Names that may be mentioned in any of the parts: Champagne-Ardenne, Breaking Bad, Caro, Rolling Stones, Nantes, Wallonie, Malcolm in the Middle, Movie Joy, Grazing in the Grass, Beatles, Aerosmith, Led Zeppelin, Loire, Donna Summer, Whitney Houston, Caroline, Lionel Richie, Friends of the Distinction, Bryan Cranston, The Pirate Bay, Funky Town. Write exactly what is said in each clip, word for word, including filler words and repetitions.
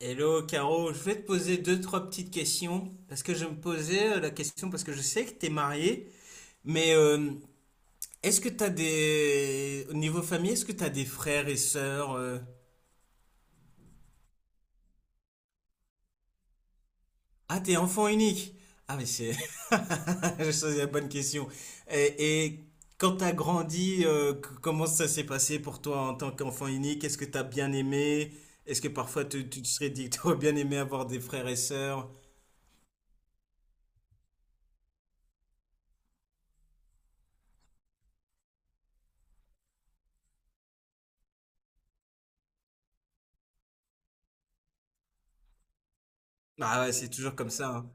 Hello Caro, je vais te poser deux, trois petites questions parce que je me posais euh, la question parce que je sais que tu es mariée, mais euh, est-ce que tu as des... Au niveau famille, est-ce que tu as des frères et sœurs euh Ah, t'es enfant unique. Ah, mais c'est... J'ai choisi la bonne question. Et, et quand tu as grandi, euh, c- comment ça s'est passé pour toi en tant qu'enfant unique? Est-ce que tu as bien aimé? Est-ce que parfois tu, tu te serais dit que tu aurais bien aimé avoir des frères et sœurs? Ah ouais, c'est toujours comme ça, hein.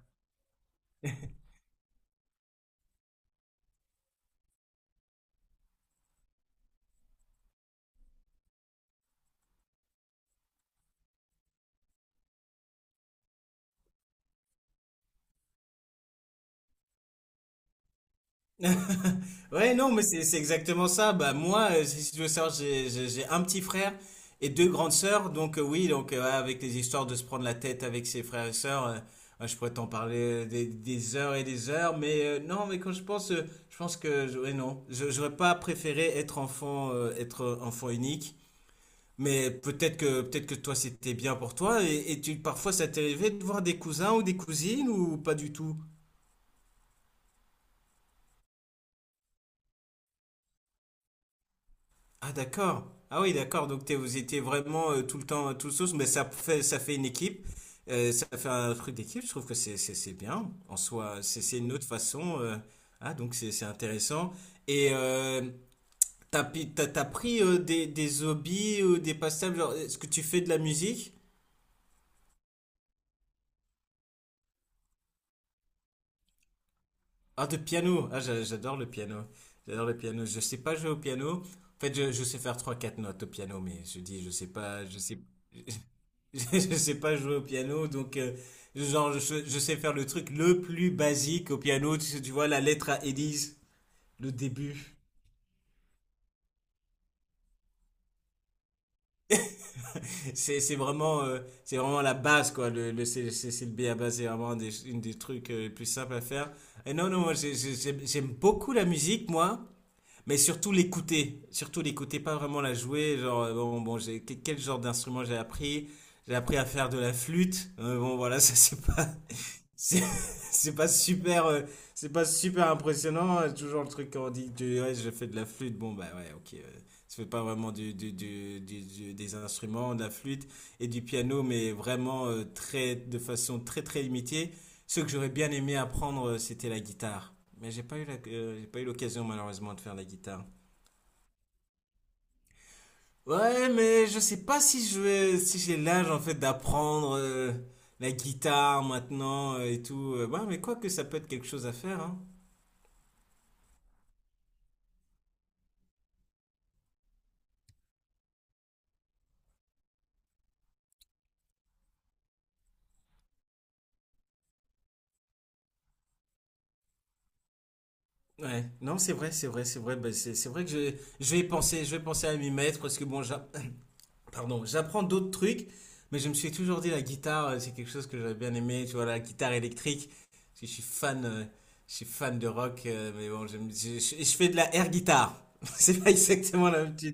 Ouais, non, mais c'est c'est exactement ça. Bah, moi, euh, si si tu veux savoir, j'ai j'ai- j'ai un petit frère et deux grandes sœurs. Donc, euh, oui, donc, euh, ouais, avec les histoires de se prendre la tête avec ses frères et sœurs, euh, ouais, je pourrais t'en parler euh, des, des heures et des heures. Mais euh, non, mais quand je pense, euh, je pense que, je- ouais, non, Je- j'aurais pas préféré être enfant, euh, être enfant unique. Mais peut-être que, peut-être que toi, c'était bien pour toi. Et, et tu, parfois, ça t'est arrivé de voir des cousins ou des cousines ou pas du tout? Ah, d'accord. Ah oui, d'accord. Donc t'es- vous étiez vraiment euh, tout le temps euh, tout sauce, mais ça fait ça fait une équipe. Euh, ça fait un truc d'équipe. Je trouve que c'est c'est c'est bien. En soi, c'est c'est une autre façon. euh. Ah donc c'est c'est intéressant. Et euh, t'as pi- t'as t'as pris euh, des des hobbies ou des passe-temps. Genre, est-ce que tu fais de la musique? Ah, de piano. Ah, j'a- j'adore le piano. J'adore le piano. Je sais pas jouer au piano. En fait, je, je sais faire trois, quatre notes au piano, mais je dis, je sais pas, je sais, je sais pas jouer au piano. Donc, euh, genre, je, je sais faire le truc le plus basique au piano. Tu, tu vois, la lettre à Élise, le début. C'est, c'est vraiment, euh, c'est vraiment la base, quoi. Le, le C, C- C- le B à base, c'est vraiment un des, une des trucs euh, les plus simples à faire. Et non, non, moi, j'ai- j'ai- j'aime j'aime beaucoup la musique, moi. Mais surtout l'écouter, surtout l'écouter, pas vraiment la jouer. Genre, euh, bon, bon, j'ai, que- quel genre d'instrument j'ai appris? J'ai appris à faire de la flûte. Euh, bon, voilà, ça c'est pas, c'est, c'est pas super, euh, c'est pas super impressionnant. Euh, Toujours le truc quand on dit, que, ouais, je fais de la flûte. Bon, bah ouais, ok. euh, tu fais pas vraiment du, du, du- du- du- des instruments, de la flûte et du piano, mais vraiment euh, très, de façon très très limitée. Ce que j'aurais bien aimé apprendre, euh, c'était la guitare. Mais j'ai pas eu la- euh, j'ai pas eu l'occasion malheureusement de faire la guitare. Ouais, mais je sais pas si je vais, si j'ai l'âge en fait d'apprendre euh, la guitare maintenant euh, et tout. Euh, ouais, mais quoi que ça peut être quelque chose à faire, hein. Ouais, non, c'est vrai, c'est vrai, c'est vrai. Bah, c'est c'est vrai que je, je vais y penser, je vais penser à m'y mettre parce que bon, j'a- pardon, j'apprends d'autres trucs, mais je me suis toujours dit la guitare, euh, c'est quelque chose que j'aurais bien aimé. Tu vois, la guitare électrique, parce que je suis fan, euh, je suis fan de rock, euh, mais bon, j'aime- je, je, je fais de la air guitare. C'est pas exactement la même chose.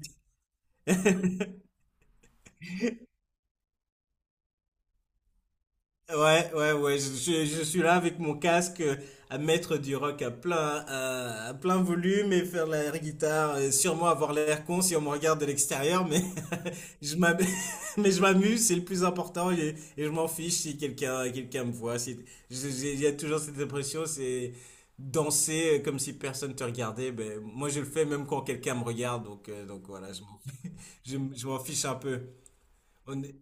Ouais, ouais, ouais, je, je- je suis là avec mon casque euh, à mettre du rock à plein, à, à plein volume et faire l'air guitare, et sûrement avoir l'air con si on me regarde de l'extérieur, mais je m'am- mais je m'amuse, c'est le plus important et, et je m'en fiche si quelqu'un quelqu'un me voit. Si, je- j'ai- il y a toujours cette impression, c'est danser euh, comme si personne te regardait. Ben, moi, je le fais même quand quelqu'un me regarde, donc, euh, donc voilà, je m'en je, m- je m'en fiche un peu. On est-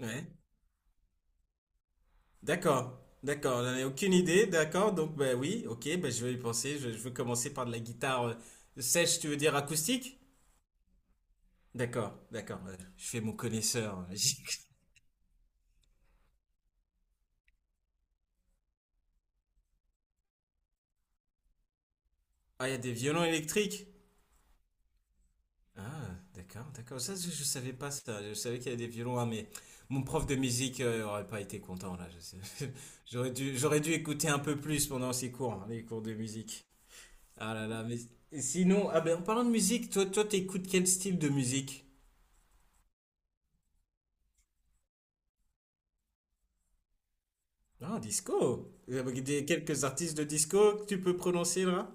Ouais. D'accord, d'accord, j'en ai aucune idée, d'accord, donc ben oui, ok, ben je vais y penser, je, je veux commencer par de la guitare euh, sèche, tu veux dire acoustique? D'accord, d'accord, euh, je fais mon connaisseur. Ah, il y a des violons électriques? Ah, d'accord, d'accord, ça je, je savais pas ça, je savais qu'il y avait des violons, hein, mais mon prof de musique euh, aurait pas été content là, je sais. J'aurais dû, j'aurais dû écouter un peu plus pendant ces cours, hein, les cours de musique. Ah là là, mais sinon, ah ben en parlant de musique, toi, toi t'écoutes quel style de musique? Ah, disco. Vous avez des- quelques artistes de disco que tu peux prononcer là?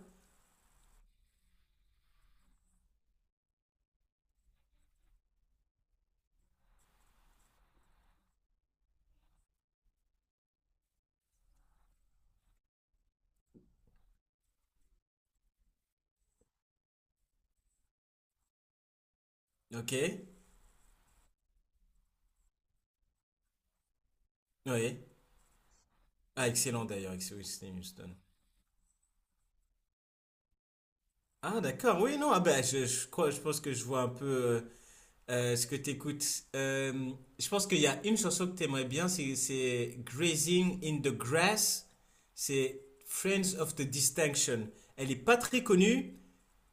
Ok. Oui. Ah, excellent d'ailleurs, avec Whitney Houston. Ah, d'accord. Oui, non. Ah, ben, je, je crois, je pense que je vois un peu euh, euh, ce que tu écoutes. je pense qu'il y a une chanson que tu aimerais bien, c'est c'est Grazing in the Grass. C'est Friends of the Distinction. Elle est pas très connue,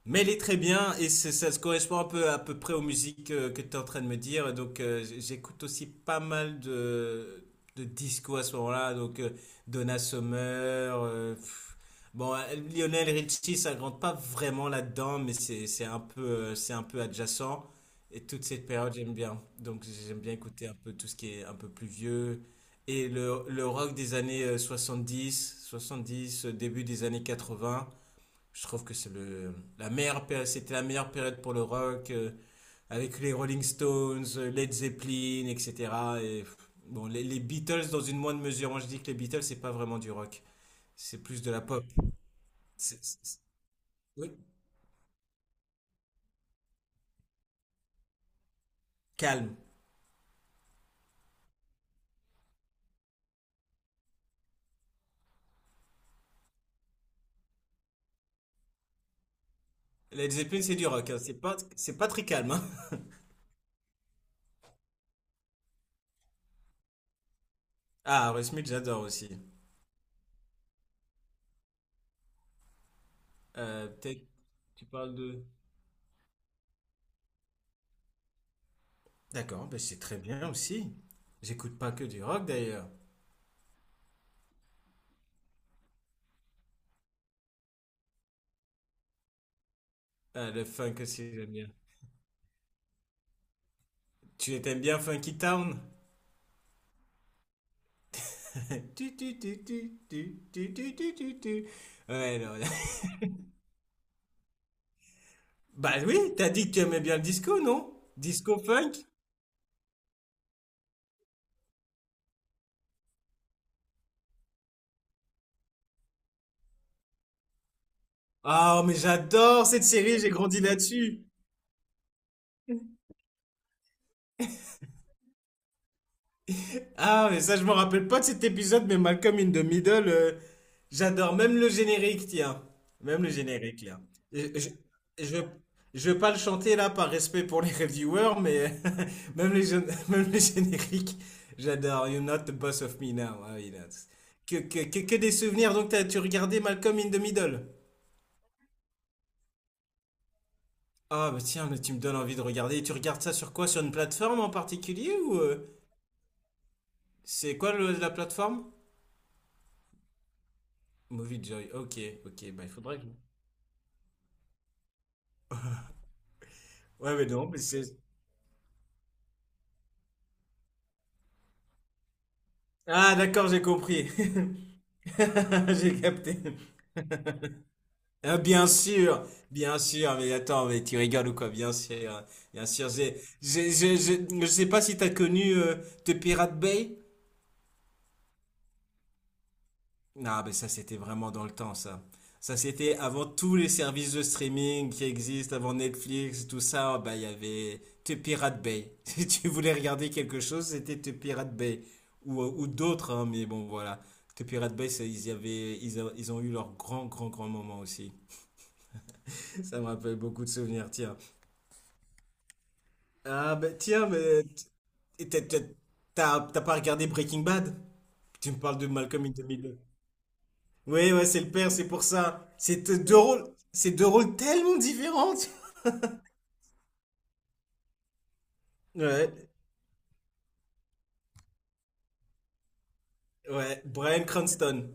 Mais elle est très bien et c'est- ça se correspond un peu à peu près aux musiques euh, que tu es en train de me dire. Donc euh, j'écoute aussi pas mal de, de disco à ce moment-là. Donc euh, Donna Summer. euh, pff. bon, euh, Lionel Richie, ça rentre pas vraiment là-dedans, mais c'est c'est un peu, euh, c'est un peu adjacent. Et toute cette période, j'aime bien. Donc j'aime bien écouter un peu tout ce qui est un peu plus vieux. Et le, le rock des années euh, soixante-dix, soixante-dix, euh, début des années quatre-vingts, je trouve que c'est le la meilleure période, c'était la meilleure période pour le rock euh, avec les Rolling Stones, euh, Led Zeppelin, et cetera. Et pff, bon, les, les Beatles dans une moindre mesure. Moi, je dis que les Beatles c'est pas vraiment du rock, c'est plus de la pop. C'est- c'est- c'est- oui, calme. Led Zeppelin c'est du rock, hein. C'est pas c'est pas très calme. Hein. Ah, Aerosmith j'adore aussi. Euh, peut-être tu parles de. D'accord, ben c'est très bien aussi. J'écoute pas que du rock d'ailleurs. Ah, le funk aussi j'aime bien. Tu t'aimes bien Funky Town? Tu, tu, tu, tu, tu, tu, tu, tu, tu, tu. Ouais, non, là. Bah oui, t'as dit que tu aimais bien le disco, non? Disco funk? Ah, mais j'adore cette série, j'ai grandi là-dessus. Ah, mais ça, je me rappelle pas de cet épisode, mais Malcolm in the Middle, euh, j'adore. Même le générique, tiens. Même le générique, là. Je, je, je, je vais pas le chanter, là, par respect pour les reviewers, mais même les, gén- même les génériques, j'adore. You're not the boss of me now. Ah oui, là. c'est- Que, que, que, que des souvenirs. Donc, t'as- tu regardais Malcolm in the Middle? Ah, bah tiens, mais tu me donnes envie de regarder. Et tu regardes ça sur quoi? Sur une plateforme en particulier ou... euh, c'est quoi le- la plateforme? Movie Joy. Ok, ok. Bah, il faudrait que Ouais, mais non, mais c'est... Ah, d'accord, j'ai compris. J'ai capté. Ah, bien sûr, bien sûr, mais attends, mais tu rigoles ou quoi? Bien sûr, bien sûr. J'ai, j'ai, j'ai- j'ai- je sais pas si t'as connu euh, The Pirate Bay. Ah, ben ça, c'était vraiment dans le temps, ça. Ça, c'était avant tous les services de streaming qui existent, avant Netflix, tout ça. Bah, il y avait The Pirate Bay. Si tu voulais regarder quelque chose, c'était The Pirate Bay. Ou, euh, ou d'autres, hein, mais bon, voilà. The Pirate Bay, ça, ils y avaient, ils, a- ils ont eu leur grand, grand, grand moment aussi. Ça me rappelle beaucoup de souvenirs, tiens. Ah, ben, tiens, mais. t- t'as t'as- t'as- t'as pas regardé Breaking Bad? Tu me parles de Malcolm in the Middle. Oui, ouais, c'est le père, c'est pour ça. C'est t- deux rôles, c'est deux rôles tellement différents. tu vois. Ouais, ouais, Bryan Cranston.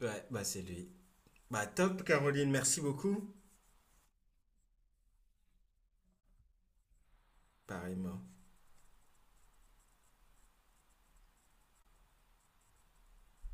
Ouais, bah c'est lui. Bah top, Caroline, merci beaucoup. Pareillement.